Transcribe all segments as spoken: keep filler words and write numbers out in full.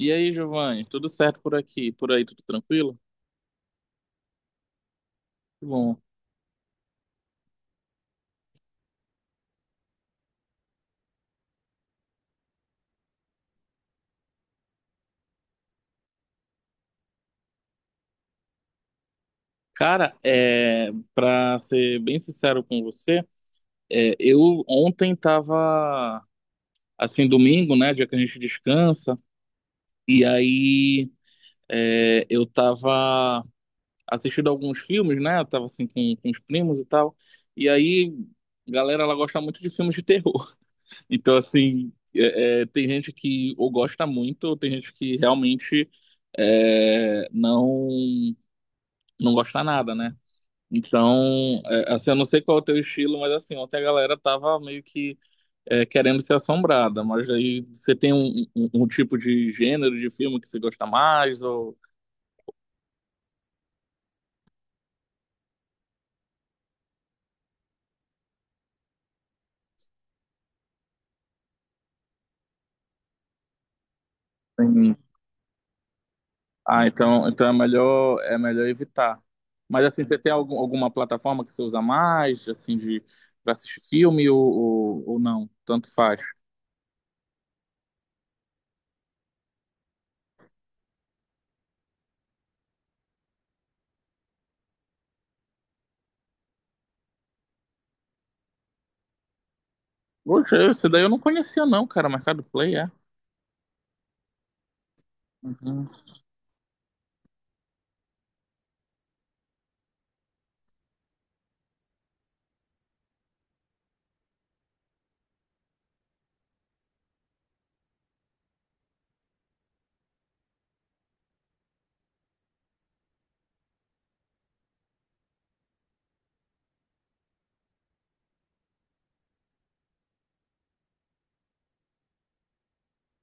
E aí, Giovanni, tudo certo por aqui? Por aí, tudo tranquilo? Que bom, cara, é, pra ser bem sincero com você, é, eu ontem tava, assim, domingo, né, dia que a gente descansa, e aí é, eu tava assistindo alguns filmes, né, eu tava assim com, com os primos e tal, e aí a galera, ela gosta muito de filmes de terror, então assim, é, é, tem gente que ou gosta muito, ou tem gente que realmente é, não não gosta nada, né? Então, é, assim, eu não sei qual é o teu estilo, mas assim, ontem a galera tava meio que é, querendo ser assombrada, mas aí você tem um, um- um tipo de gênero de filme que você gosta mais, ou. Sim. Ah, então, então é melhor, é melhor evitar. Mas assim, você tem algum, alguma plataforma que você usa mais, assim, de, pra assistir filme, ou, ou, ou não? Tanto faz. Poxa, esse daí eu não conhecia não, cara, Mercado Play, é?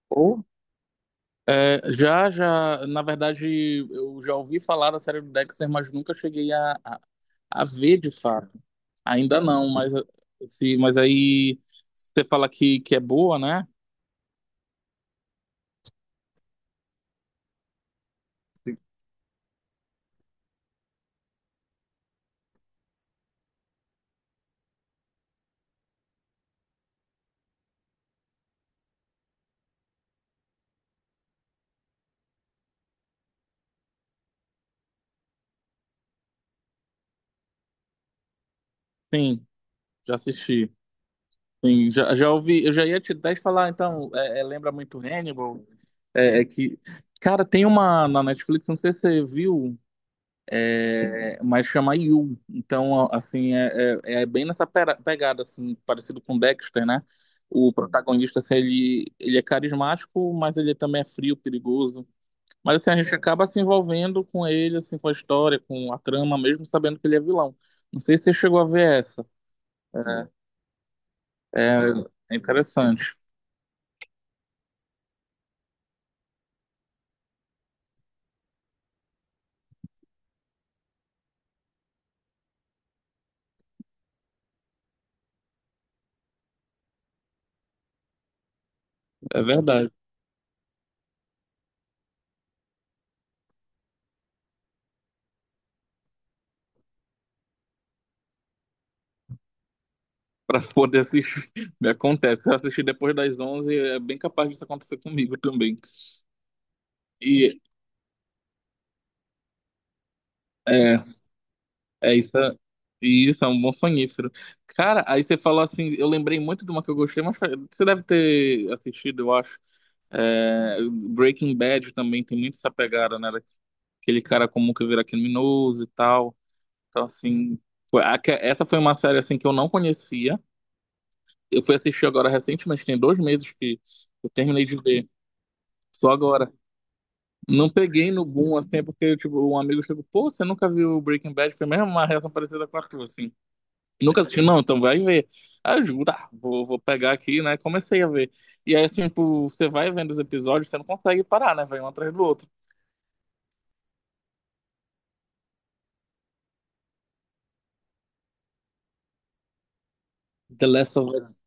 Uhum. É, já, já, na verdade, eu já ouvi falar da série do Dexter, mas nunca cheguei a, a, a ver de fato. Ainda não, mas se, mas aí você fala que, que é boa, né? Sim, já assisti. Sim, já, já ouvi, eu já ia te até te falar, então, é, é, lembra muito Hannibal. É, é que, cara, tem uma na Netflix, não sei se você viu, é, mas chama You. Então, a- assim, é, é, é bem nessa pera- pegada, assim, parecido com Dexter, né? O protagonista, assim, ele, ele é carismático, mas ele também é frio, perigoso. Mas, assim, a gente acaba se envolvendo com ele, assim, com a história, com a trama, mesmo sabendo que ele é vilão. Não sei se você chegou a ver essa. É, é interessante, é verdade. Para poder assistir, me acontece. Se eu assistir depois das onze é bem capaz disso acontecer comigo também. E, é, É isso, é- isso é um bom sonífero. Cara, aí você falou assim, eu lembrei muito de uma que eu gostei, mas você deve ter assistido, eu acho. É, Breaking Bad também tem muito essa pegada, né? Aquele cara comum que vira criminoso e tal. Então, assim, foi, aque- essa foi uma série assim que eu não conhecia. Eu fui assistir agora recentemente, tem dois meses que eu terminei de ver, só agora. Não peguei no boom, assim, é porque, tipo, um amigo chegou, pô, você nunca viu Breaking Bad? Foi mesmo uma reação parecida com a tua, assim. Nunca assisti, não, então vai ver. Ah, eu digo, tá, vou, vou pegar aqui, né? Comecei a ver. E aí, assim, tipo, você vai vendo os episódios, você não consegue parar, né? Vai um atrás do outro. The Last of Us,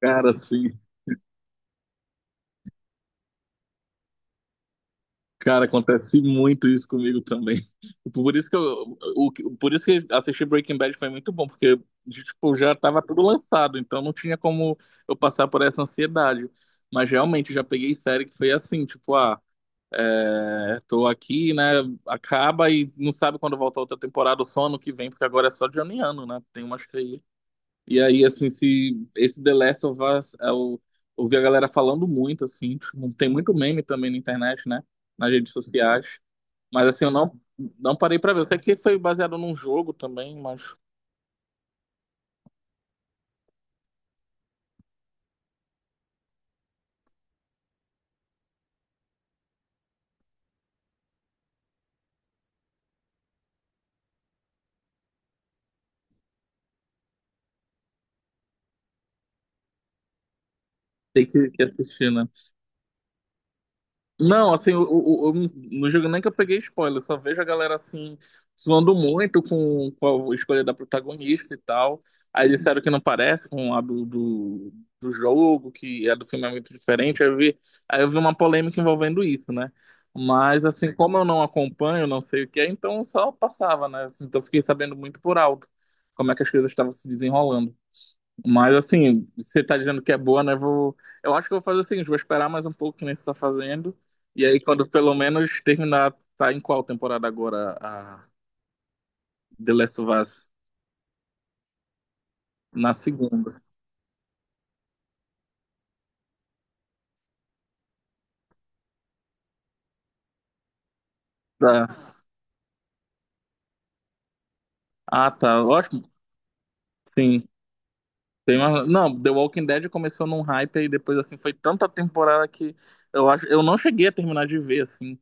cara, assim, cara, acontece muito isso comigo também. Por isso que eu, o, por isso que assistir Breaking Bad foi muito bom, porque, de, tipo, já tava tudo lançado, então não tinha como eu passar por essa ansiedade. Mas realmente, já peguei série que foi assim, tipo, ah. É, tô aqui, né? Acaba e não sabe quando volta outra temporada, ou só ano que vem, porque agora é só Johnny Ano, né? Tem umas que aí. E aí, assim, se esse The Last of Us, eu ouvi a galera falando muito, assim, tipo, tem muito meme também na internet, né? Nas redes sociais. Mas assim, eu não, não parei pra ver. Eu sei que foi baseado num jogo também, mas tem que, que assistir, né? Não, assim, eu, eu, eu no jogo nem que eu peguei spoiler, eu só vejo a galera assim, zoando muito com, com a escolha da protagonista e tal. Aí disseram que não parece com a do, do, do jogo, que a do filme é muito diferente. Aí eu vi, aí eu vi uma polêmica envolvendo isso, né? Mas assim, como eu não acompanho, não sei o que é, então eu só passava, né? Assim, então eu fiquei sabendo muito por alto como é que as coisas estavam se desenrolando. Mas assim, você tá dizendo que é boa, né? Vou... Eu acho que eu vou fazer o seguinte, vou esperar mais um pouco que nem você tá fazendo. E aí, quando pelo menos terminar, tá em qual temporada agora a The Last of Us? Na segunda. Tá. Ah, tá. Ótimo. Sim. Tem uma... Não, The Walking Dead começou num hype e depois assim foi tanta temporada que eu acho. Eu não cheguei a terminar de ver, assim.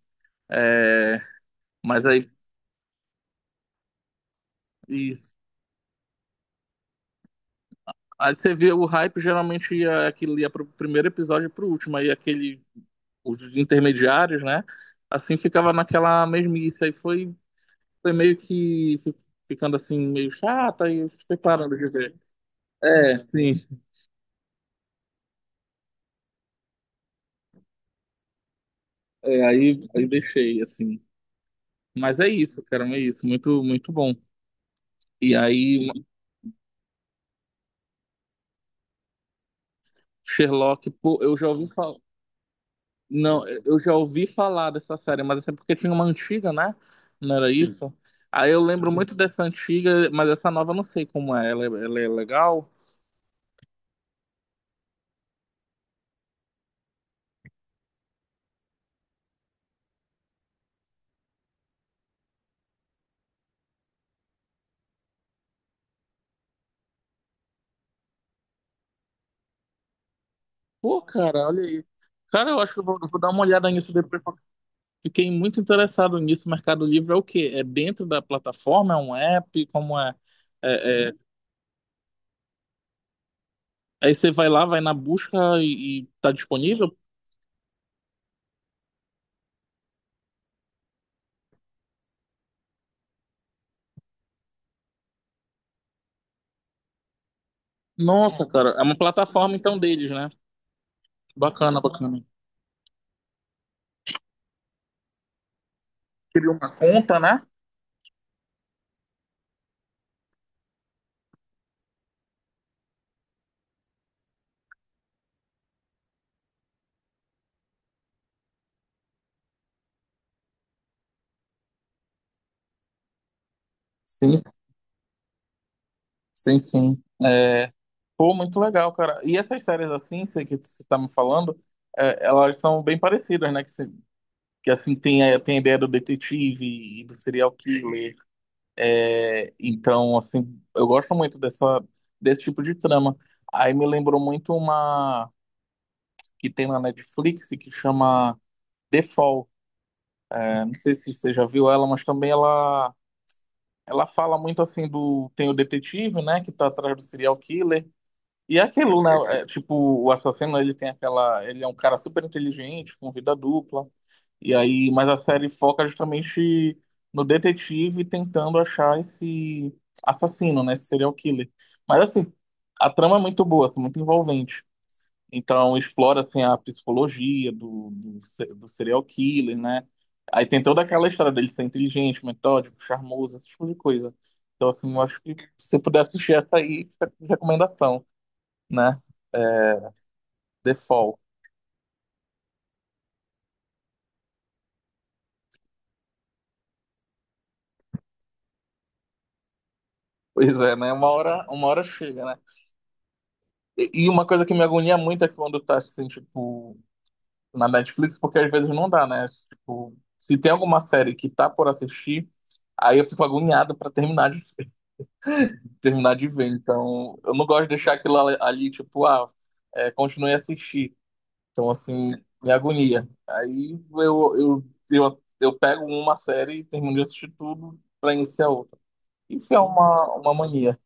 É... Mas aí. Isso. Aí você vê o hype, geralmente ia, aquele, ia pro primeiro episódio e pro último. Aí aquele os intermediários, né? Assim ficava naquela mesmice. Aí foi, foi meio que fi- ficando assim, meio chata, e eu fui parando de ver. É, sim. É, aí, aí deixei, assim. Mas é isso, cara, é isso. Muito, muito bom. E aí, Sherlock, pô, eu já ouvi falar. Não, eu já ouvi falar dessa série, mas essa é porque tinha uma antiga, né? Não era isso? Aí eu lembro muito dessa antiga, mas essa nova eu não sei como é. Ela, é- ela é legal? Pô, cara, olha aí. Cara, eu acho que eu vou, vou dar uma olhada nisso depois porque fiquei muito interessado nisso. Mercado Livre é o quê? É dentro da plataforma? É um app? Como é? É, é- Aí você vai lá, vai na busca e, e tá disponível? Nossa, é. Cara, é uma plataforma então deles, né? Bacana, bacana. Cria uma conta, né? Sim, sim, sim. É... Pô, muito legal, cara. E essas séries assim, sei que você tá me falando, é, elas são bem parecidas, né? Que assim tem a, tem a ideia do detetive e do serial killer. É, então, assim, eu gosto muito dessa desse tipo de trama. Aí me lembrou muito uma que tem na Netflix que chama The Fall. É, não sei se você já viu ela, mas também ela ela fala muito assim do tem o detetive, né, que tá atrás do serial killer. E é aquilo, né? é, tipo, o assassino, ele tem aquela. Ele é um cara super inteligente, com vida dupla. E aí, mas a série foca justamente no detetive tentando achar esse assassino, né? Esse serial killer. Mas assim, a trama é muito boa, assim, muito envolvente. Então explora assim a psicologia do, do, se- do serial killer, né? Aí tem toda aquela história dele ser inteligente, metódico, charmoso, esse tipo de coisa. Então assim, eu acho que se você puder assistir essa aí, fica de recomendação, né? Default. Pois é, né? Uma hora, uma hora chega, né? E e uma coisa que me agonia muito é quando tá, assim, tipo, na Netflix, porque às vezes não dá, né? Tipo, se tem alguma série que tá por assistir, aí eu fico agoniado pra terminar de, terminar de ver. Então, eu não gosto de deixar aquilo ali, ali, tipo, ah, é, continue a assistir. Então, assim, me agonia. Aí eu, eu, eu, eu pego uma série e termino de assistir tudo pra iniciar outra. Isso é uma, uma mania.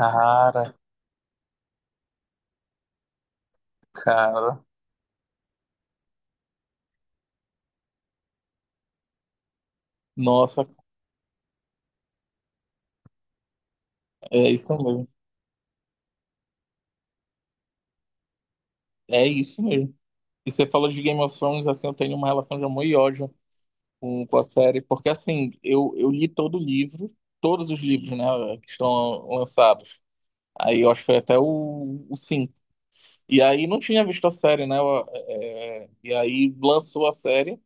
Cara, cara. Nossa, é isso mesmo. É isso mesmo. E você falou de Game of Thrones, assim, eu tenho uma relação de amor e ódio com, com a série, porque assim, eu, eu li todo o livro, todos os livros, né, que estão lançados. Aí eu acho que foi até o, o cinco. E aí não tinha visto a série, né? Eu, é, é, e aí lançou a série.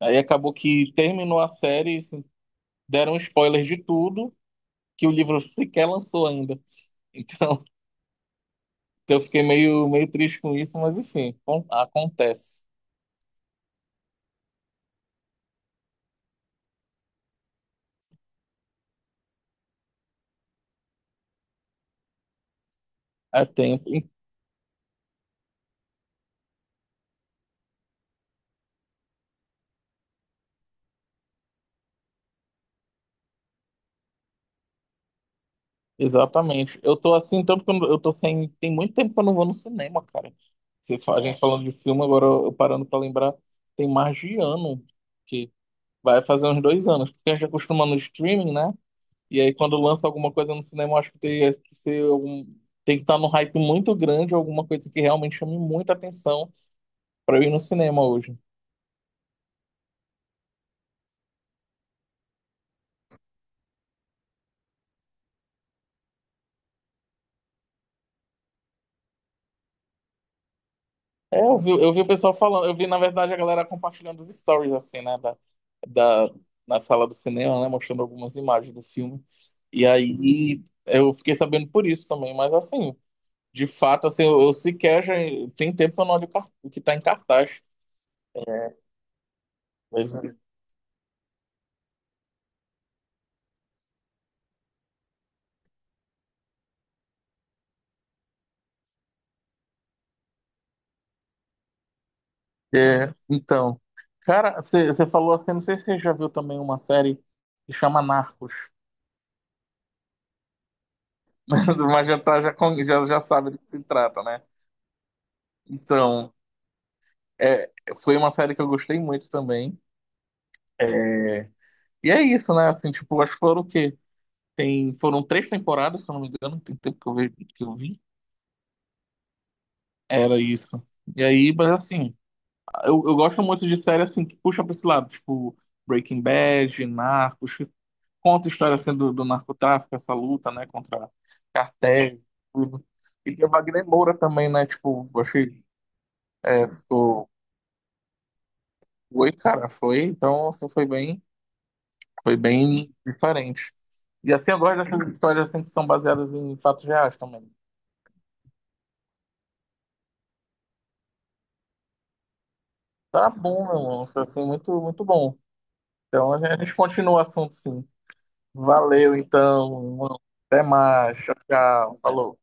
Aí acabou que terminou a série, deram spoilers de tudo, que o livro sequer lançou ainda. Então, eu fiquei meio, meio triste com isso, mas enfim, con- acontece. É tempo. Exatamente. Eu tô assim, tanto que eu não- eu tô sem. Tem muito tempo que eu não vou no cinema, cara. Você, fa- a gente falando de filme, agora eu eu parando pra lembrar, tem mais de ano, que vai fazer uns dois anos, porque a gente acostuma no streaming, né? E aí quando lança alguma coisa no cinema, eu acho que tem é, que ser algum. Tem que estar num hype muito grande, alguma coisa que realmente chame muita atenção pra eu ir no cinema hoje. É, eu vi, eu vi o pessoal falando, eu vi, na verdade, a galera compartilhando os stories, assim, né, da, da, na sala do cinema, né, mostrando algumas imagens do filme. E aí eu fiquei sabendo por isso também, mas assim, de fato, assim, eu, eu sequer já tem tempo que eu não olho o car- o que tá em cartaz. É. Mas, é, então, cara, você falou assim, não sei se você já viu também uma série que chama Narcos, mas já, tá, já, con- já, já sabe do que se trata, né? Então, é, foi uma série que eu gostei muito também. É. E é isso, né? Assim, tipo, acho que foram o quê? Tem... Foram três temporadas, se eu não me engano, tem tempo que eu vi, que eu vi. Era isso. E aí, mas assim, eu, eu gosto muito de série assim que puxa pra esse lado, tipo Breaking Bad, Narcos, que conta a história assim, do, do narcotráfico, essa luta, né, contra cartéis, tudo. E tem o Wagner Moura também, né? Tipo, eu achei. É, ficou. Foi, cara, foi. Então, assim, foi bem. Foi bem diferente. E assim, eu gosto dessas histórias assim, que são baseadas em fatos reais também. Tá bom, meu irmão. Isso, assim, muito, muito bom. Então, a gente a gente continua o assunto, sim. Valeu, então, irmão. Até mais. Tchau, tchau. Falou.